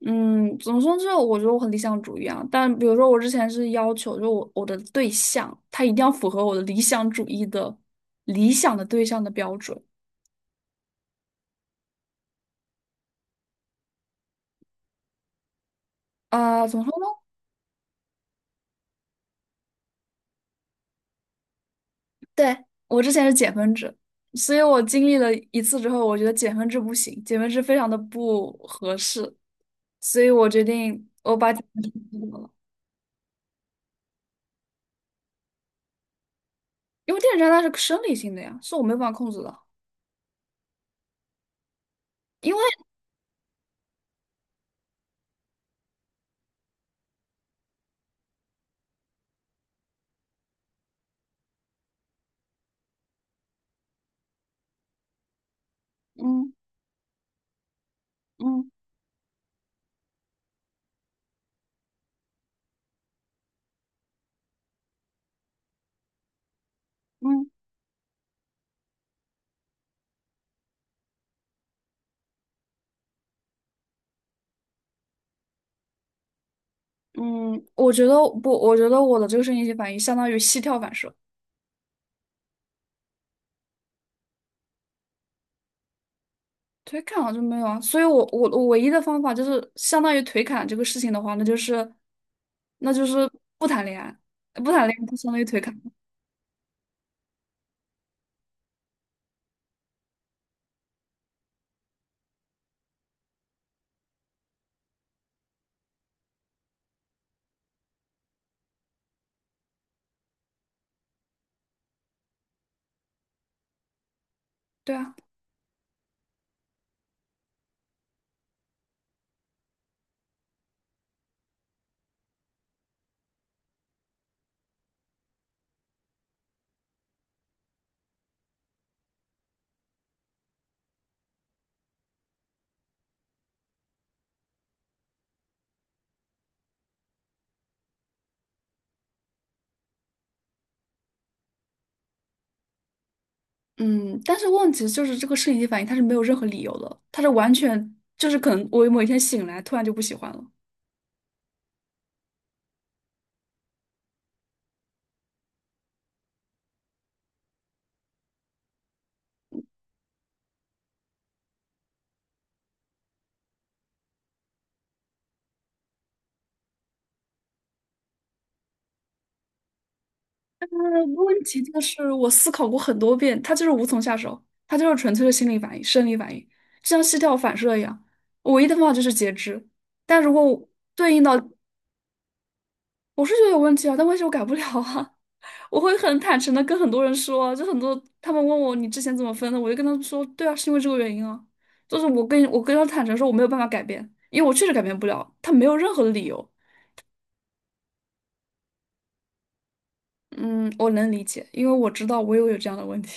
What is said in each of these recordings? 嗯，怎么说呢？就我觉得我很理想主义啊，但比如说我之前是要求，就我的对象他一定要符合我的理想主义的理想的对象的标准啊、怎么说呢？对，我之前是减分制，所以我经历了一次之后，我觉得减分制不行，减分制非常的不合适，所以我决定我把减分制去掉了，因为电子障碍是生理性的呀，是我没有办法控制的，因为嗯嗯嗯。嗯，我觉得不，我觉得我的这个声音性反应相当于膝跳反射，腿砍了就没有啊。所以我唯一的方法就是相当于腿砍这个事情的话，那就是不谈恋爱，不谈恋爱就相当于腿砍。对啊，嗯，但是问题就是这个摄影机反应它是没有任何理由的，它是完全就是可能我某一天醒来突然就不喜欢了。问题就是我思考过很多遍，它就是无从下手，它就是纯粹的心理反应、生理反应，就像膝跳反射一样。我唯一的方法就是截肢，但如果我对应到我是觉得有问题啊，但问题我改不了啊，我会很坦诚的跟很多人说啊，就很多他们问我你之前怎么分的，我就跟他们说，对啊，是因为这个原因啊，就是我跟他坦诚说我没有办法改变，因为我确实改变不了，他没有任何的理由。嗯，我能理解，因为我知道我也有这样的问题。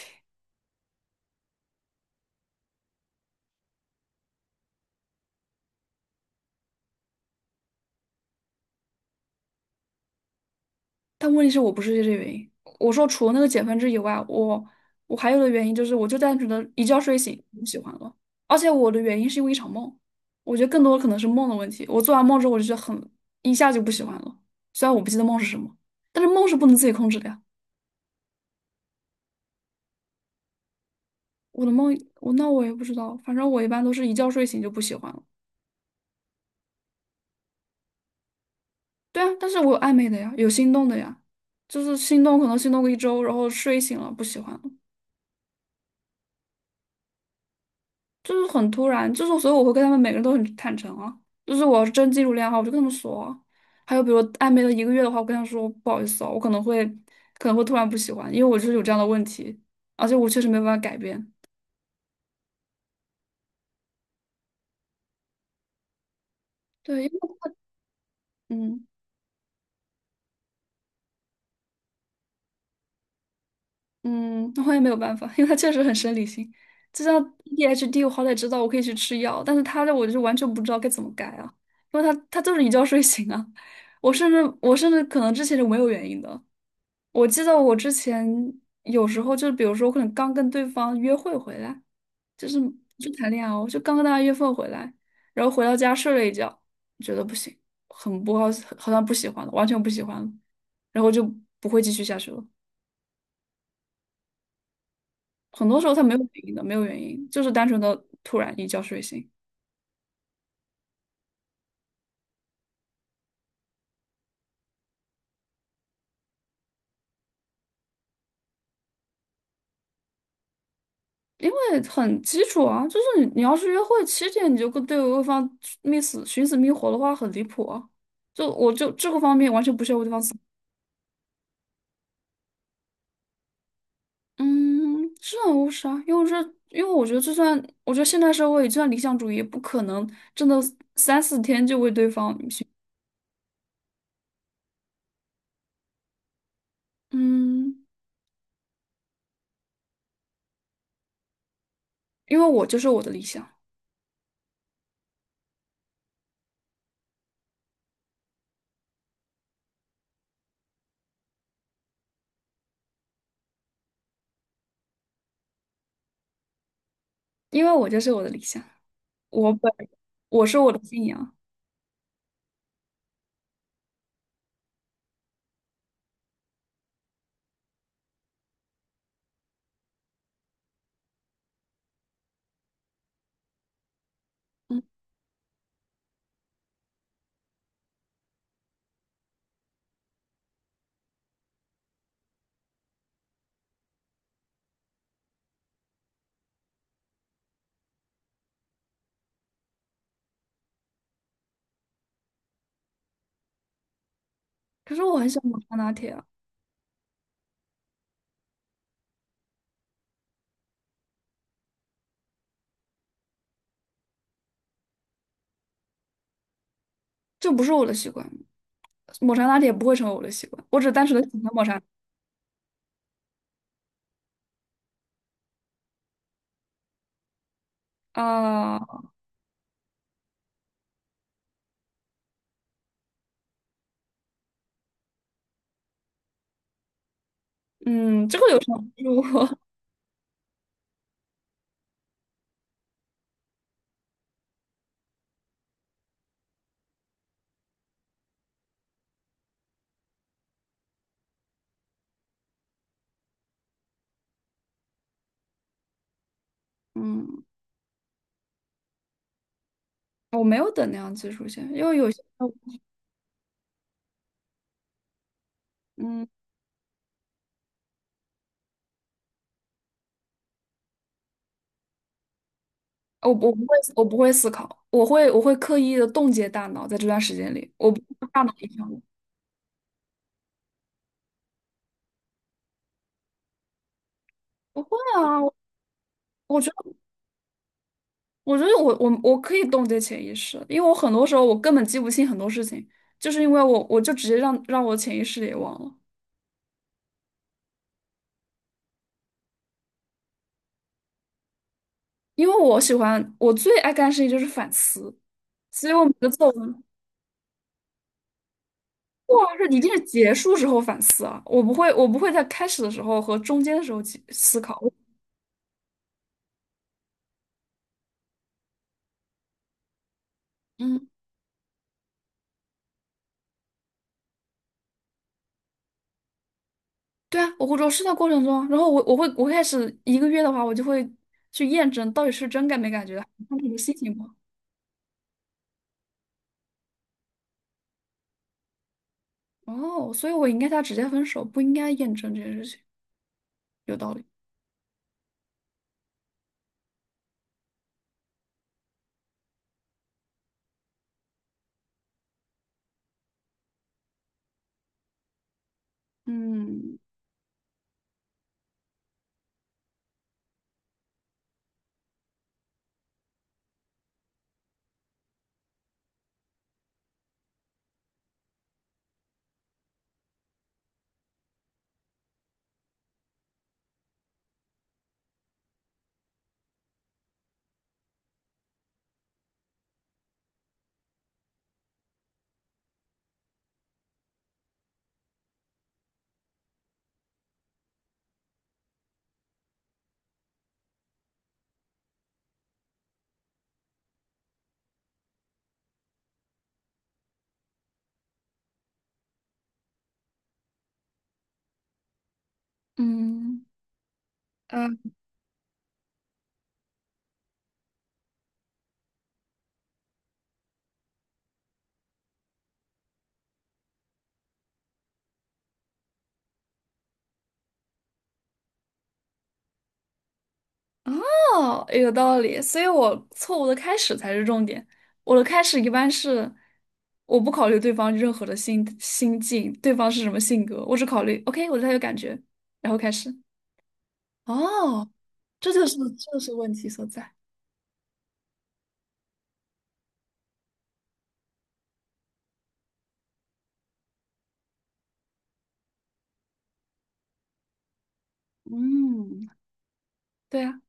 但问题是我不是这个原因。我说除了那个减分制以外，我还有的原因就是，我就单纯的一觉睡醒不喜欢了，而且我的原因是因为一场梦。我觉得更多的可能是梦的问题。我做完梦之后，我就觉得一下就不喜欢了。虽然我不记得梦是什么，但是梦是不能自己控制的呀。我的梦，那我也不知道，反正我一般都是一觉睡醒就不喜欢了。对啊，但是我有暧昧的呀，有心动的呀，就是心动可能心动个一周，然后睡醒了不喜欢了。就是很突然，就是所以我会跟他们每个人都很坦诚啊。就是我要是真进入恋爱的话我就跟他们说啊。还有比如暧昧了一个月的话，我跟他说不好意思哦，我可能会突然不喜欢，因为我就是有这样的问题，而且我确实没有办法改变。对，因为他嗯嗯，那我也没有办法，因为他确实很生理性。就像 ADHD，我好歹知道我可以去吃药，但是他的我就完全不知道该怎么改啊，因为他就是一觉睡醒啊。我甚至可能之前是没有原因的，我记得我之前有时候就比如说，可能刚跟对方约会回来，就是就谈恋爱哦，就刚跟大家约会回来，然后回到家睡了一觉，觉得不行，很不好，好像不喜欢了，完全不喜欢了，然后就不会继续下去了。很多时候他没有原因的，没有原因，就是单纯的突然一觉睡醒。因为很基础啊，就是你要是约会7天，你就跟对方觅死寻死觅活的话，很离谱啊。就我就这个方面完全不需要为对方嗯，这无啥，因为这，因为我觉得就算，我觉得现代社会就算理想主义，也不可能真的三四天就为对方去。嗯，因为我就是我的理想，因为我就是我的理想，我本我是我的信仰。嗯，可是我很喜欢抹茶拿铁啊，这不是我的习惯，抹茶拿铁不会成为我的习惯，我只是单纯的喜欢抹茶啊、嗯，这个有什么？我嗯，我没有等那样技术线，因为有些嗯。我不会，我不会思考，我会刻意的冻结大脑，在这段时间里，我不会大脑影响我。不会啊，我觉得，我觉得我可以冻结潜意识，因为我很多时候我根本记不清很多事情，就是因为我就直接让我潜意识也忘了。因为我喜欢我最爱干的事情就是反思，所以我每个作文，哇，是一定是结束之后反思啊，我不会在开始的时候和中间的时候记思考。嗯。对啊，我是在过程中啊然后我开始一个月的话，我就会去验证到底是真感没感觉的，看你的心情不好。哦，所以我应该他直接分手，不应该验证这件事情，有道理。嗯嗯嗯，哦，有道理。所以我错误的开始才是重点。我的开始一般是我不考虑对方任何的心境，对方是什么性格，我只考虑 OK，我对他有感觉，然后开始。哦，这就是问题所在。嗯。对啊，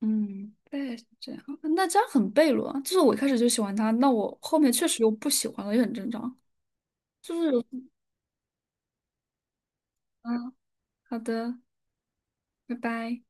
嗯，对，是这样。那这样很悖论啊就是我一开始就喜欢他，那我后面确实又不喜欢了，也很正常。就是有，嗯，好的，拜拜。